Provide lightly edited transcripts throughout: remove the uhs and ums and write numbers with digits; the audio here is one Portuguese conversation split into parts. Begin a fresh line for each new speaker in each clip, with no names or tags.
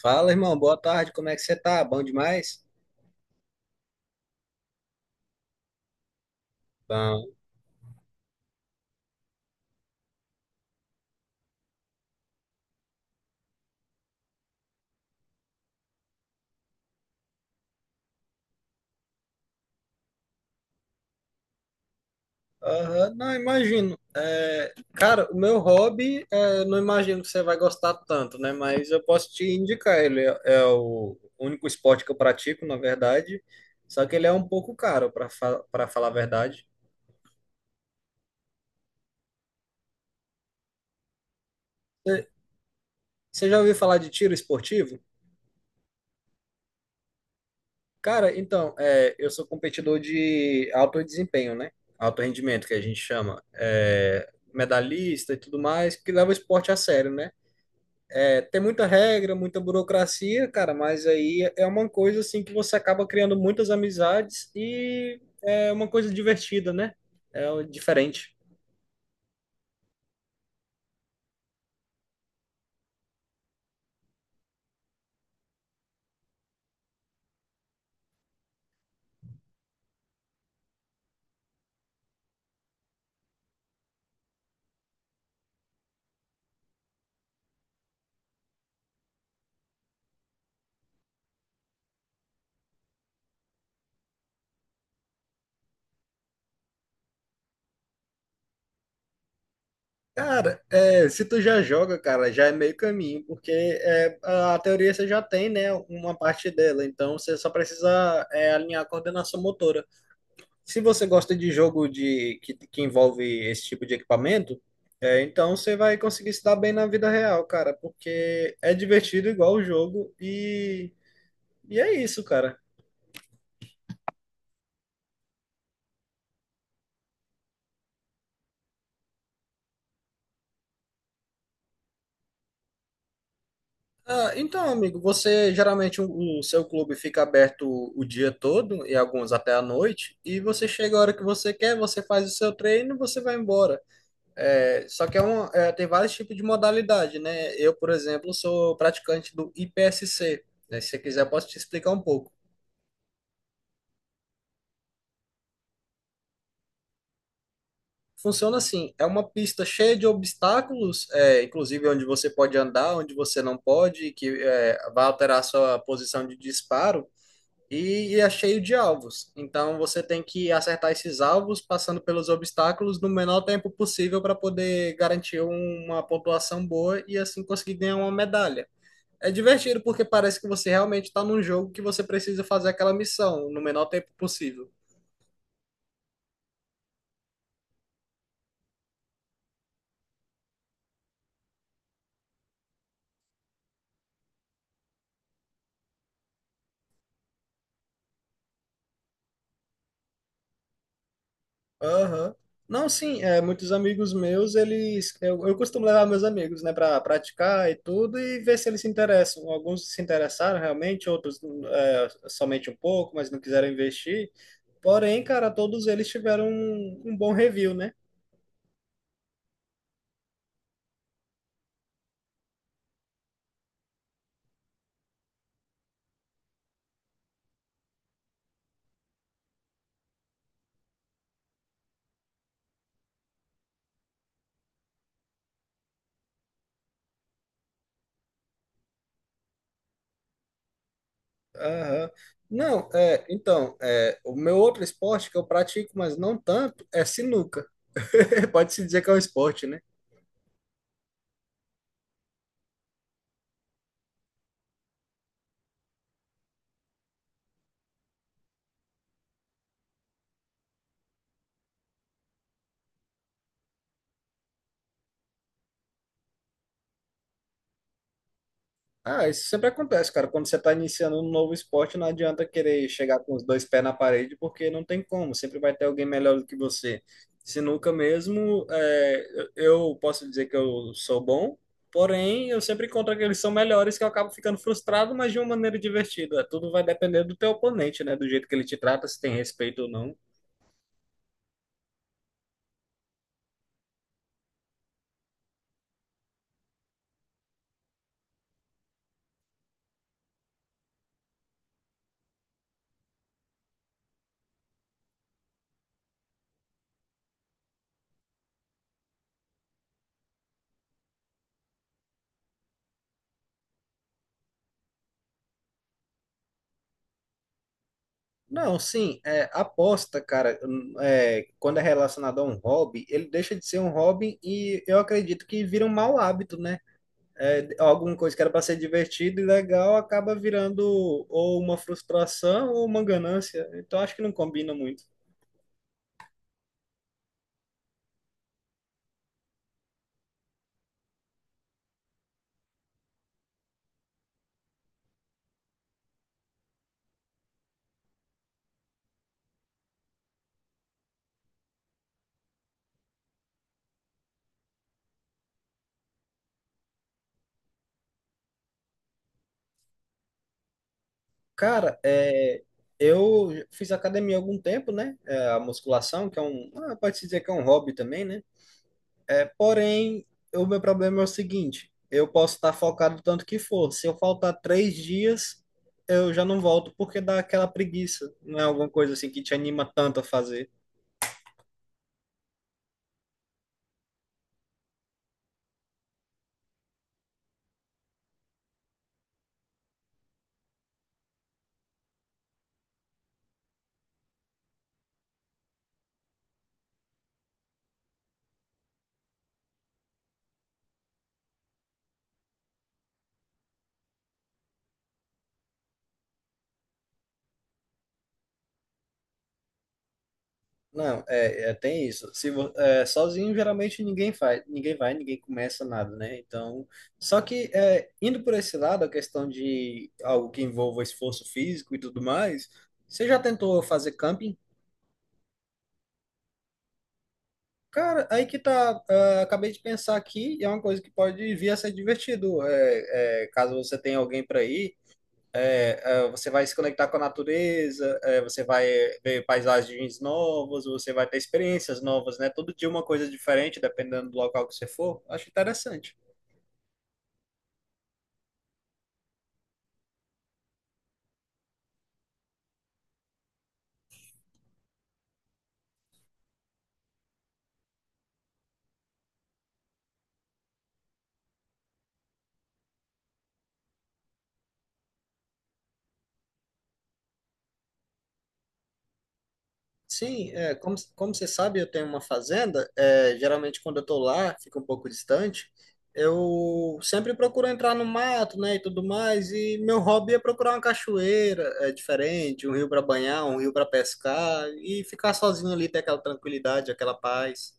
Fala, irmão, boa tarde, como é que você tá? Bom demais? Bom. Aham, não, imagino. Cara, o meu hobby, não imagino que você vai gostar tanto, né? Mas eu posso te indicar, é o único esporte que eu pratico, na verdade, só que ele é um pouco caro, para falar a verdade. Você você já ouviu falar de tiro esportivo? Cara, então, é, eu sou competidor de alto desempenho, né? Alto rendimento, que a gente chama. É, medalhista e tudo mais, que leva o esporte a sério, né? Tem muita regra, muita burocracia, cara, mas aí é uma coisa assim que você acaba criando muitas amizades e é uma coisa divertida, né? Diferente. Cara, é, se tu já joga, cara, já é meio caminho, porque é, a teoria você já tem, né, uma parte dela, então você só precisa alinhar a coordenação motora. Se você gosta de jogo que envolve esse tipo de equipamento, é, então você vai conseguir se dar bem na vida real, cara, porque é divertido igual o jogo, e é isso, cara. Ah, então, amigo, você geralmente o seu clube fica aberto o dia todo e alguns até a noite, e você chega a hora que você quer, você faz o seu treino e você vai embora. É, só que tem vários tipos de modalidade, né? Eu, por exemplo, sou praticante do IPSC, né? Se você quiser, eu posso te explicar um pouco. Funciona assim, é uma pista cheia de obstáculos, inclusive onde você pode andar, onde você não pode, vai alterar a sua posição de disparo, e é cheio de alvos. Então você tem que acertar esses alvos passando pelos obstáculos no menor tempo possível para poder garantir uma pontuação boa e assim conseguir ganhar uma medalha. É divertido porque parece que você realmente está num jogo que você precisa fazer aquela missão no menor tempo possível. Aham. Não, sim, é, muitos amigos meus, eles. Eu costumo levar meus amigos, né, para praticar e tudo e ver se eles se interessam. Alguns se interessaram realmente, outros somente um pouco, mas não quiseram investir. Porém, cara, todos eles tiveram um bom review, né? Aham. Não, é, então, é, o meu outro esporte que eu pratico, mas não tanto, é sinuca. Pode-se dizer que é um esporte, né? Ah, isso sempre acontece, cara. Quando você está iniciando um novo esporte, não adianta querer chegar com os dois pés na parede, porque não tem como. Sempre vai ter alguém melhor do que você. Sinuca mesmo, é, eu posso dizer que eu sou bom, porém eu sempre encontro aqueles que são melhores que eu acabo ficando frustrado, mas de uma maneira divertida. Tudo vai depender do teu oponente, né? Do jeito que ele te trata, se tem respeito ou não. Não, sim, é, aposta, cara, quando é relacionado a um hobby, ele deixa de ser um hobby e eu acredito que vira um mau hábito, né? Alguma coisa que era para ser divertido e legal acaba virando ou uma frustração ou uma ganância. Então acho que não combina muito. Cara, é, eu fiz academia há algum tempo, né? É, a musculação, que é um, pode-se dizer que é um hobby também, né? Porém, o meu problema é o seguinte: eu posso estar focado o tanto que for. Se eu faltar três dias, eu já não volto porque dá aquela preguiça. Não é alguma coisa assim que te anima tanto a fazer. Não, tem isso. Se vo- é, Sozinho, geralmente ninguém faz, ninguém vai, ninguém começa nada, né? Então, só que indo por esse lado, a questão de algo que envolva esforço físico e tudo mais, você já tentou fazer camping? Cara, aí que tá. Acabei de pensar aqui, e é uma coisa que pode vir a ser divertido. Caso você tenha alguém para ir. Você vai se conectar com a natureza, você vai ver paisagens novas, você vai ter experiências novas, né? Todo dia uma coisa diferente, dependendo do local que você for. Acho interessante. Sim, como, como você sabe, eu tenho uma fazenda. Geralmente, quando eu estou lá, fica um pouco distante. Eu sempre procuro entrar no mato, né, e tudo mais. E meu hobby é procurar uma cachoeira, é diferente, um rio para banhar, um rio para pescar e ficar sozinho ali, ter aquela tranquilidade, aquela paz.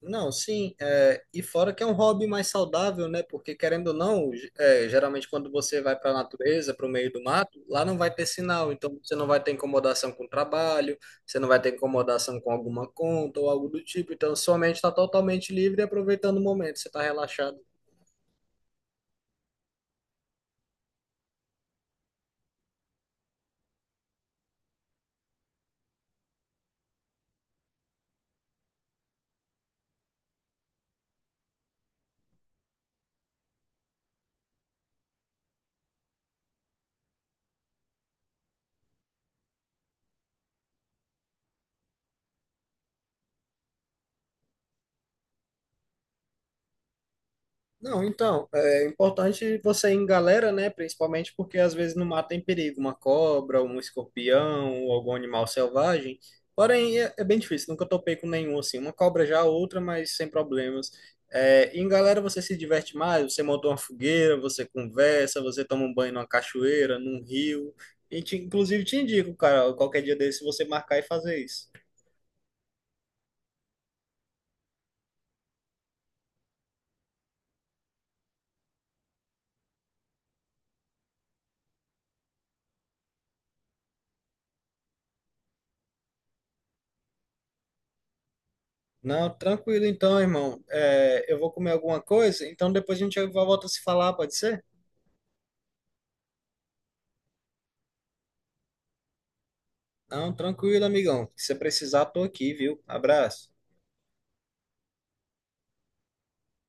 Não, sim, é, e fora que é um hobby mais saudável, né? Porque querendo ou não, geralmente quando você vai para a natureza, para o meio do mato, lá não vai ter sinal, então você não vai ter incomodação com o trabalho, você não vai ter incomodação com alguma conta ou algo do tipo, então sua mente está totalmente livre e aproveitando o momento, você está relaxado. Não, então, é importante você ir em galera, né? Principalmente porque às vezes no mato tem perigo, uma cobra, um escorpião, ou algum animal selvagem. Porém, é bem difícil, nunca topei com nenhum assim. Uma cobra já, outra, mas sem problemas. É, em galera você se diverte mais, você monta uma fogueira, você conversa, você toma um banho numa cachoeira, num rio. Inclusive te indico, cara, qualquer dia desse você marcar e fazer isso. Não, tranquilo então, irmão. É, eu vou comer alguma coisa, então depois a gente volta a se falar, pode ser? Não, tranquilo, amigão. Se você precisar, tô aqui, viu? Abraço.